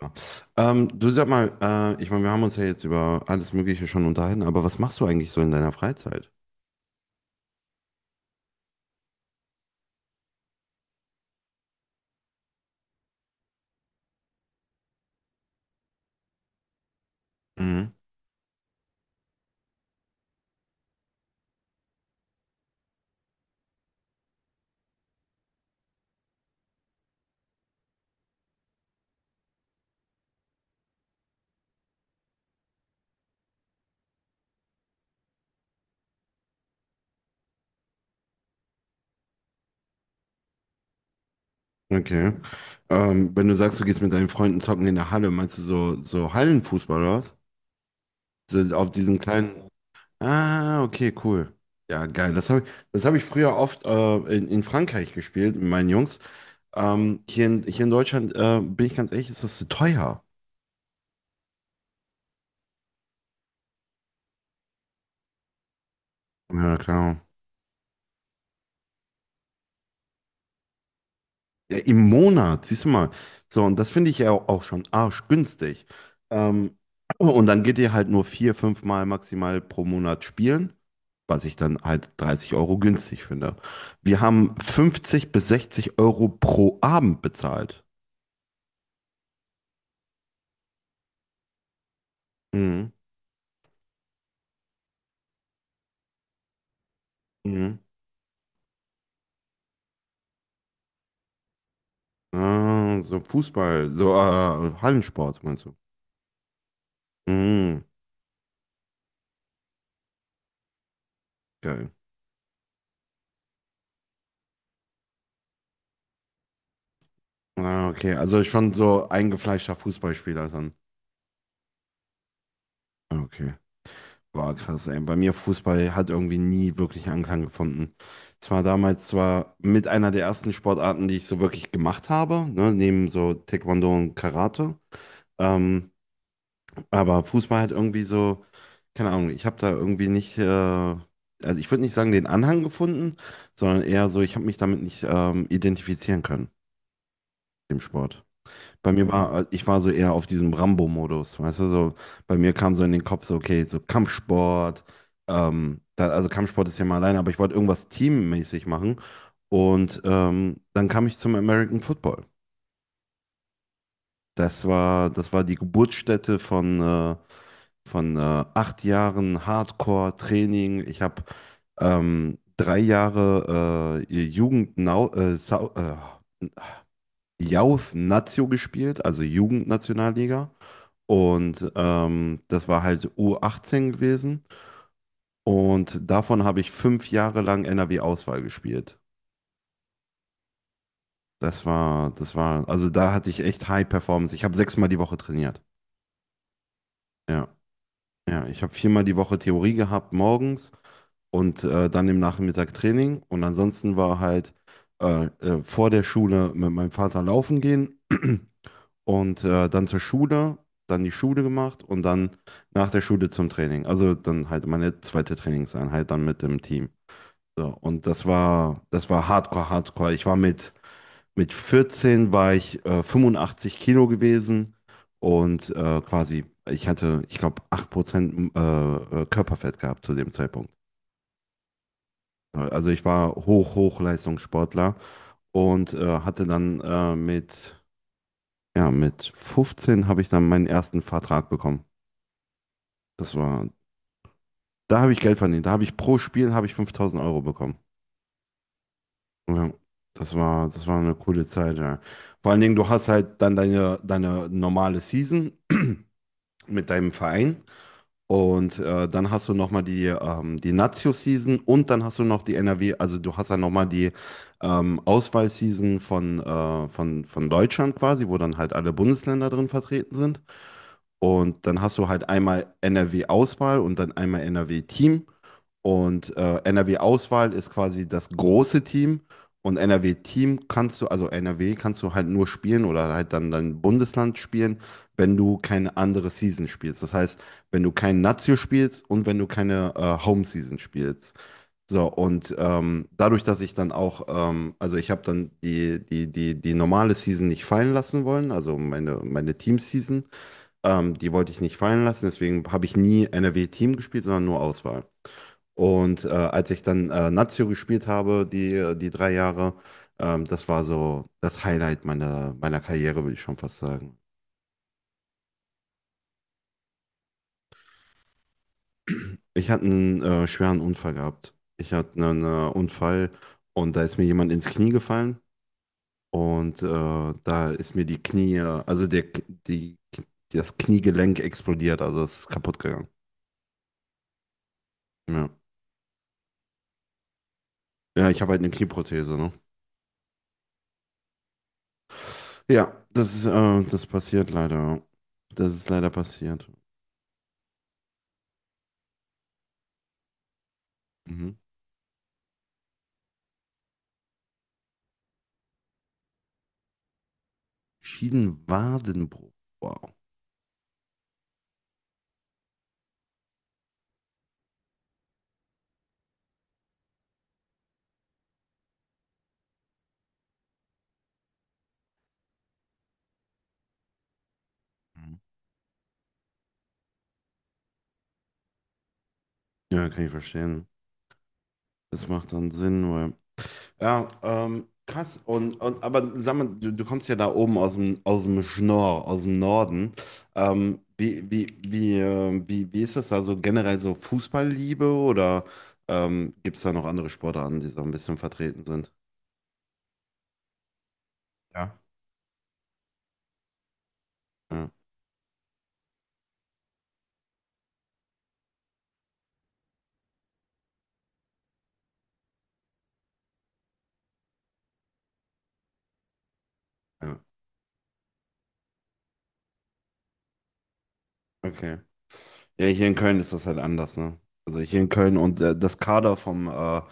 Ja. Wir haben uns ja jetzt über alles Mögliche schon unterhalten, aber was machst du eigentlich so in deiner Freizeit? Mhm. Okay. Wenn du sagst, du gehst mit deinen Freunden zocken in der Halle, meinst du so, Hallenfußball oder was? So auf diesen kleinen. Ah, okay, cool. Ja, geil. Das hab ich früher oft in Frankreich gespielt mit meinen Jungs. Hier in Deutschland, bin ich ganz ehrlich, ist das zu teuer. Ja, klar. Ja, im Monat, siehst du mal. So, und das finde ich ja auch schon arschgünstig. Ähm, und dann geht ihr halt nur 4, 5 Mal maximal pro Monat spielen, was ich dann halt 30 Euro günstig finde. Wir haben 50 bis 60 Euro pro Abend bezahlt. Mhm. Mhm. Ah, so Fußball, Hallensport meinst du? Mhm. Geil. Ah, okay, also schon so eingefleischter Fußballspieler dann. Okay. War krass, ey. Bei mir Fußball hat irgendwie nie wirklich Anklang gefunden. Es war damals zwar mit einer der ersten Sportarten, die ich so wirklich gemacht habe, ne, neben so Taekwondo und Karate. Ähm, aber Fußball hat irgendwie so, keine Ahnung, ich habe da irgendwie nicht, also ich würde nicht sagen den Anhang gefunden, sondern eher so, ich habe mich damit nicht identifizieren können, dem Sport. Bei mir war, ich war so eher auf diesem Rambo-Modus, weißt du, so, bei mir kam so in den Kopf so, okay, so Kampfsport, da, also Kampfsport ist ja mal alleine, aber ich wollte irgendwas teammäßig machen und dann kam ich zum American Football. Das war die Geburtsstätte von 8 Jahren Hardcore-Training. Ich habe 3 Jahre Youth Nazio gespielt, also Jugendnationalliga. Und das war halt U18 gewesen. Und davon habe ich 5 Jahre lang NRW-Auswahl gespielt. Das war, also da hatte ich echt High Performance. Ich habe 6-mal die Woche trainiert. Ja, ja. Ich habe 4-mal die Woche Theorie gehabt morgens und dann im Nachmittag Training. Und ansonsten war halt vor der Schule mit meinem Vater laufen gehen. Und dann zur Schule, dann die Schule gemacht und dann nach der Schule zum Training. Also dann halt meine zweite Trainingseinheit dann mit dem Team. So, und das war Hardcore, Hardcore. Mit 14 war ich 85 Kilo gewesen und quasi, ich glaube, 8% Körperfett gehabt zu dem Zeitpunkt. Also ich war Hochleistungssportler und hatte dann mit, ja, mit 15 habe ich dann meinen ersten Vertrag bekommen. Das war, da habe ich Geld verdient. Da habe ich pro Spiel habe ich 5000 Euro bekommen. Ja, das war eine coole Zeit, ja. Vor allen Dingen, du hast halt dann deine normale Season mit deinem Verein und dann hast du nochmal die, die Nazio-Season und dann hast du noch die NRW, also du hast dann nochmal die Auswahl-Season von Deutschland quasi, wo dann halt alle Bundesländer drin vertreten sind. Und dann hast du halt einmal NRW-Auswahl und dann einmal NRW-Team. Und NRW-Auswahl ist quasi das große Team. Und NRW-Team kannst du, also NRW kannst du halt nur spielen oder halt dann dein Bundesland spielen, wenn du keine andere Season spielst. Das heißt, wenn du kein Nazio spielst und wenn du keine Home Season spielst. So, und dadurch, dass ich dann auch, also ich habe dann die normale Season nicht fallen lassen wollen, also meine Team-Season, die wollte ich nicht fallen lassen, deswegen habe ich nie NRW-Team gespielt, sondern nur Auswahl. Und als ich dann Nazio gespielt habe, die 3 Jahre, das war so das Highlight meiner Karriere, würde ich schon fast sagen. Ich hatte einen schweren Unfall gehabt. Ich hatte einen Unfall und da ist mir jemand ins Knie gefallen und da ist mir die Knie, also der, die, das Kniegelenk explodiert, also es ist kaputt gegangen. Ja, ja, ich habe halt eine Knieprothese, ne? Ja, das ist, das passiert leider. Das ist leider passiert. Mhm. Schienenwadenbruch. Wow. Mhm. Ja, kann ich verstehen. Das macht dann Sinn, weil. Ja, krass. Aber sag mal, du kommst ja da oben aus dem Schnorr, aus dem Norden. Wie ist das da so generell so Fußballliebe oder gibt es da noch andere Sportarten, die so ein bisschen vertreten sind? Ja. Ja, ja. Okay. Ja, hier in Köln ist das halt anders, ne? Also hier in Köln und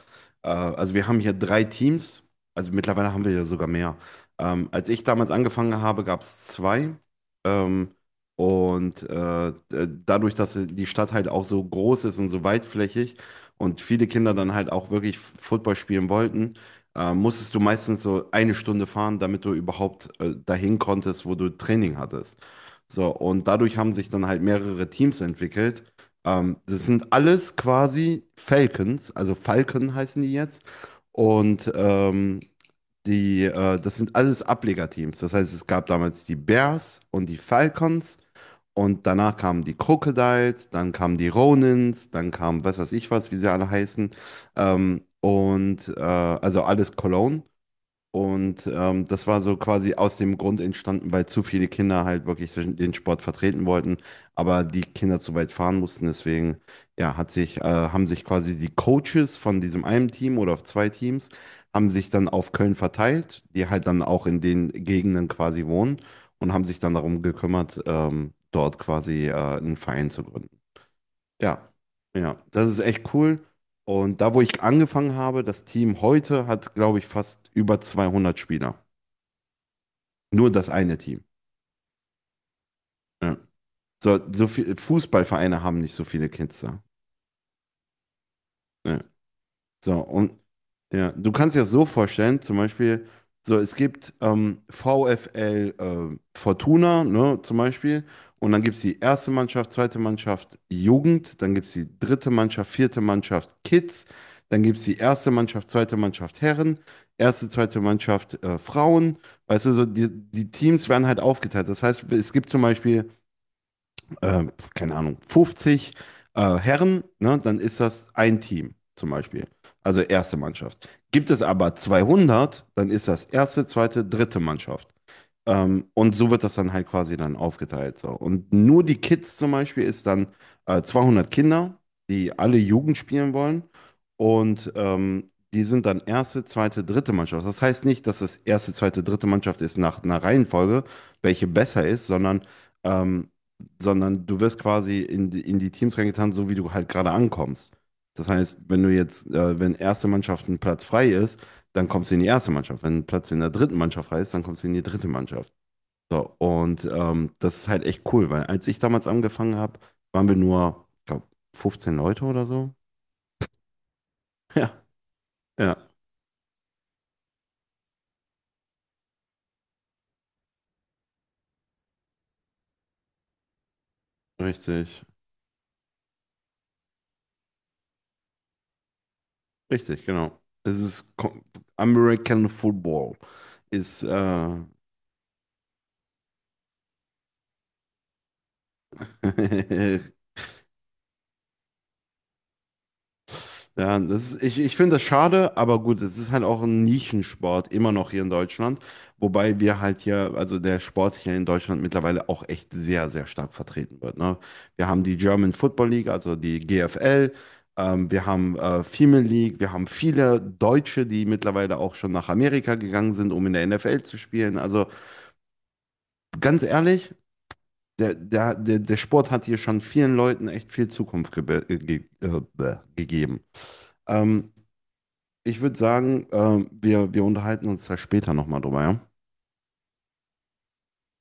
also wir haben hier 3 Teams, also mittlerweile haben wir ja sogar mehr. Als ich damals angefangen habe, gab es 2. Ähm, d- dadurch, dass die Stadt halt auch so groß ist und so weitflächig und viele Kinder dann halt auch wirklich F- Football spielen wollten, musstest du meistens so eine Stunde fahren, damit du überhaupt dahin konntest, wo du Training hattest. So, und dadurch haben sich dann halt mehrere Teams entwickelt. Das sind alles quasi Falcons, also Falcon heißen die jetzt. Und das sind alles Ablegerteams. Das heißt, es gab damals die Bears und die Falcons. Und danach kamen die Crocodiles, dann kamen die Ronins, dann kam was weiß ich was, wie sie alle heißen. Also alles Cologne. Und das war so quasi aus dem Grund entstanden, weil zu viele Kinder halt wirklich den Sport vertreten wollten, aber die Kinder zu weit fahren mussten. Deswegen, ja, haben sich quasi die Coaches von diesem einen Team oder auf zwei Teams, haben sich dann auf Köln verteilt, die halt dann auch in den Gegenden quasi wohnen und haben sich dann darum gekümmert, dort quasi einen Verein zu gründen. Ja, ja, das ist echt cool. Und da, wo ich angefangen habe, das Team heute hat, glaube ich, fast über 200 Spieler. Nur das eine Team. Ja. So, so viele Fußballvereine haben nicht so viele Kids da. Ja. So, und ja, du kannst dir das so vorstellen, zum Beispiel, so, es gibt VfL Fortuna, ne, zum Beispiel, und dann gibt es die erste Mannschaft, zweite Mannschaft Jugend, dann gibt es die dritte Mannschaft, vierte Mannschaft Kids, dann gibt es die erste Mannschaft, zweite Mannschaft Herren, erste, zweite Mannschaft Frauen, weißt du, so, die Teams werden halt aufgeteilt. Das heißt, es gibt zum Beispiel äh, keine Ahnung, 50 Herren, ne, dann ist das ein Team zum Beispiel. Also erste Mannschaft. Gibt es aber 200, dann ist das erste, zweite, dritte Mannschaft. Und so wird das dann halt quasi dann aufgeteilt. So. Und nur die Kids zum Beispiel ist dann 200 Kinder, die alle Jugend spielen wollen. Und die sind dann erste, zweite, dritte Mannschaft. Das heißt nicht, dass es erste, zweite, dritte Mannschaft ist nach einer Reihenfolge, welche besser ist, sondern, ähm, sondern du wirst quasi in die Teams reingetan, so wie du halt gerade ankommst. Das heißt, wenn du jetzt, wenn erste Mannschaft ein Platz frei ist, dann kommst du in die erste Mannschaft. Wenn Platz in der dritten Mannschaft heißt, dann kommst du in die dritte Mannschaft. So, und das ist halt echt cool, weil als ich damals angefangen habe, waren wir nur, ich glaube, 15 Leute oder so. Ja, ja, richtig, richtig, genau. Es ist Co- American Football. Ist Ja, das ist, ich finde das schade, aber gut, es ist halt auch ein Nischensport, immer noch hier in Deutschland. Wobei wir halt hier, also der Sport hier in Deutschland mittlerweile auch echt sehr, sehr stark vertreten wird. Ne? Wir haben die German Football League, also die GFL, wir haben Female League, wir haben viele Deutsche, die mittlerweile auch schon nach Amerika gegangen sind, um in der NFL zu spielen. Also ganz ehrlich, der Sport hat hier schon vielen Leuten echt viel Zukunft gebe- ge gegeben. Ähm, Ich würde sagen, wir unterhalten uns da später nochmal drüber, ja?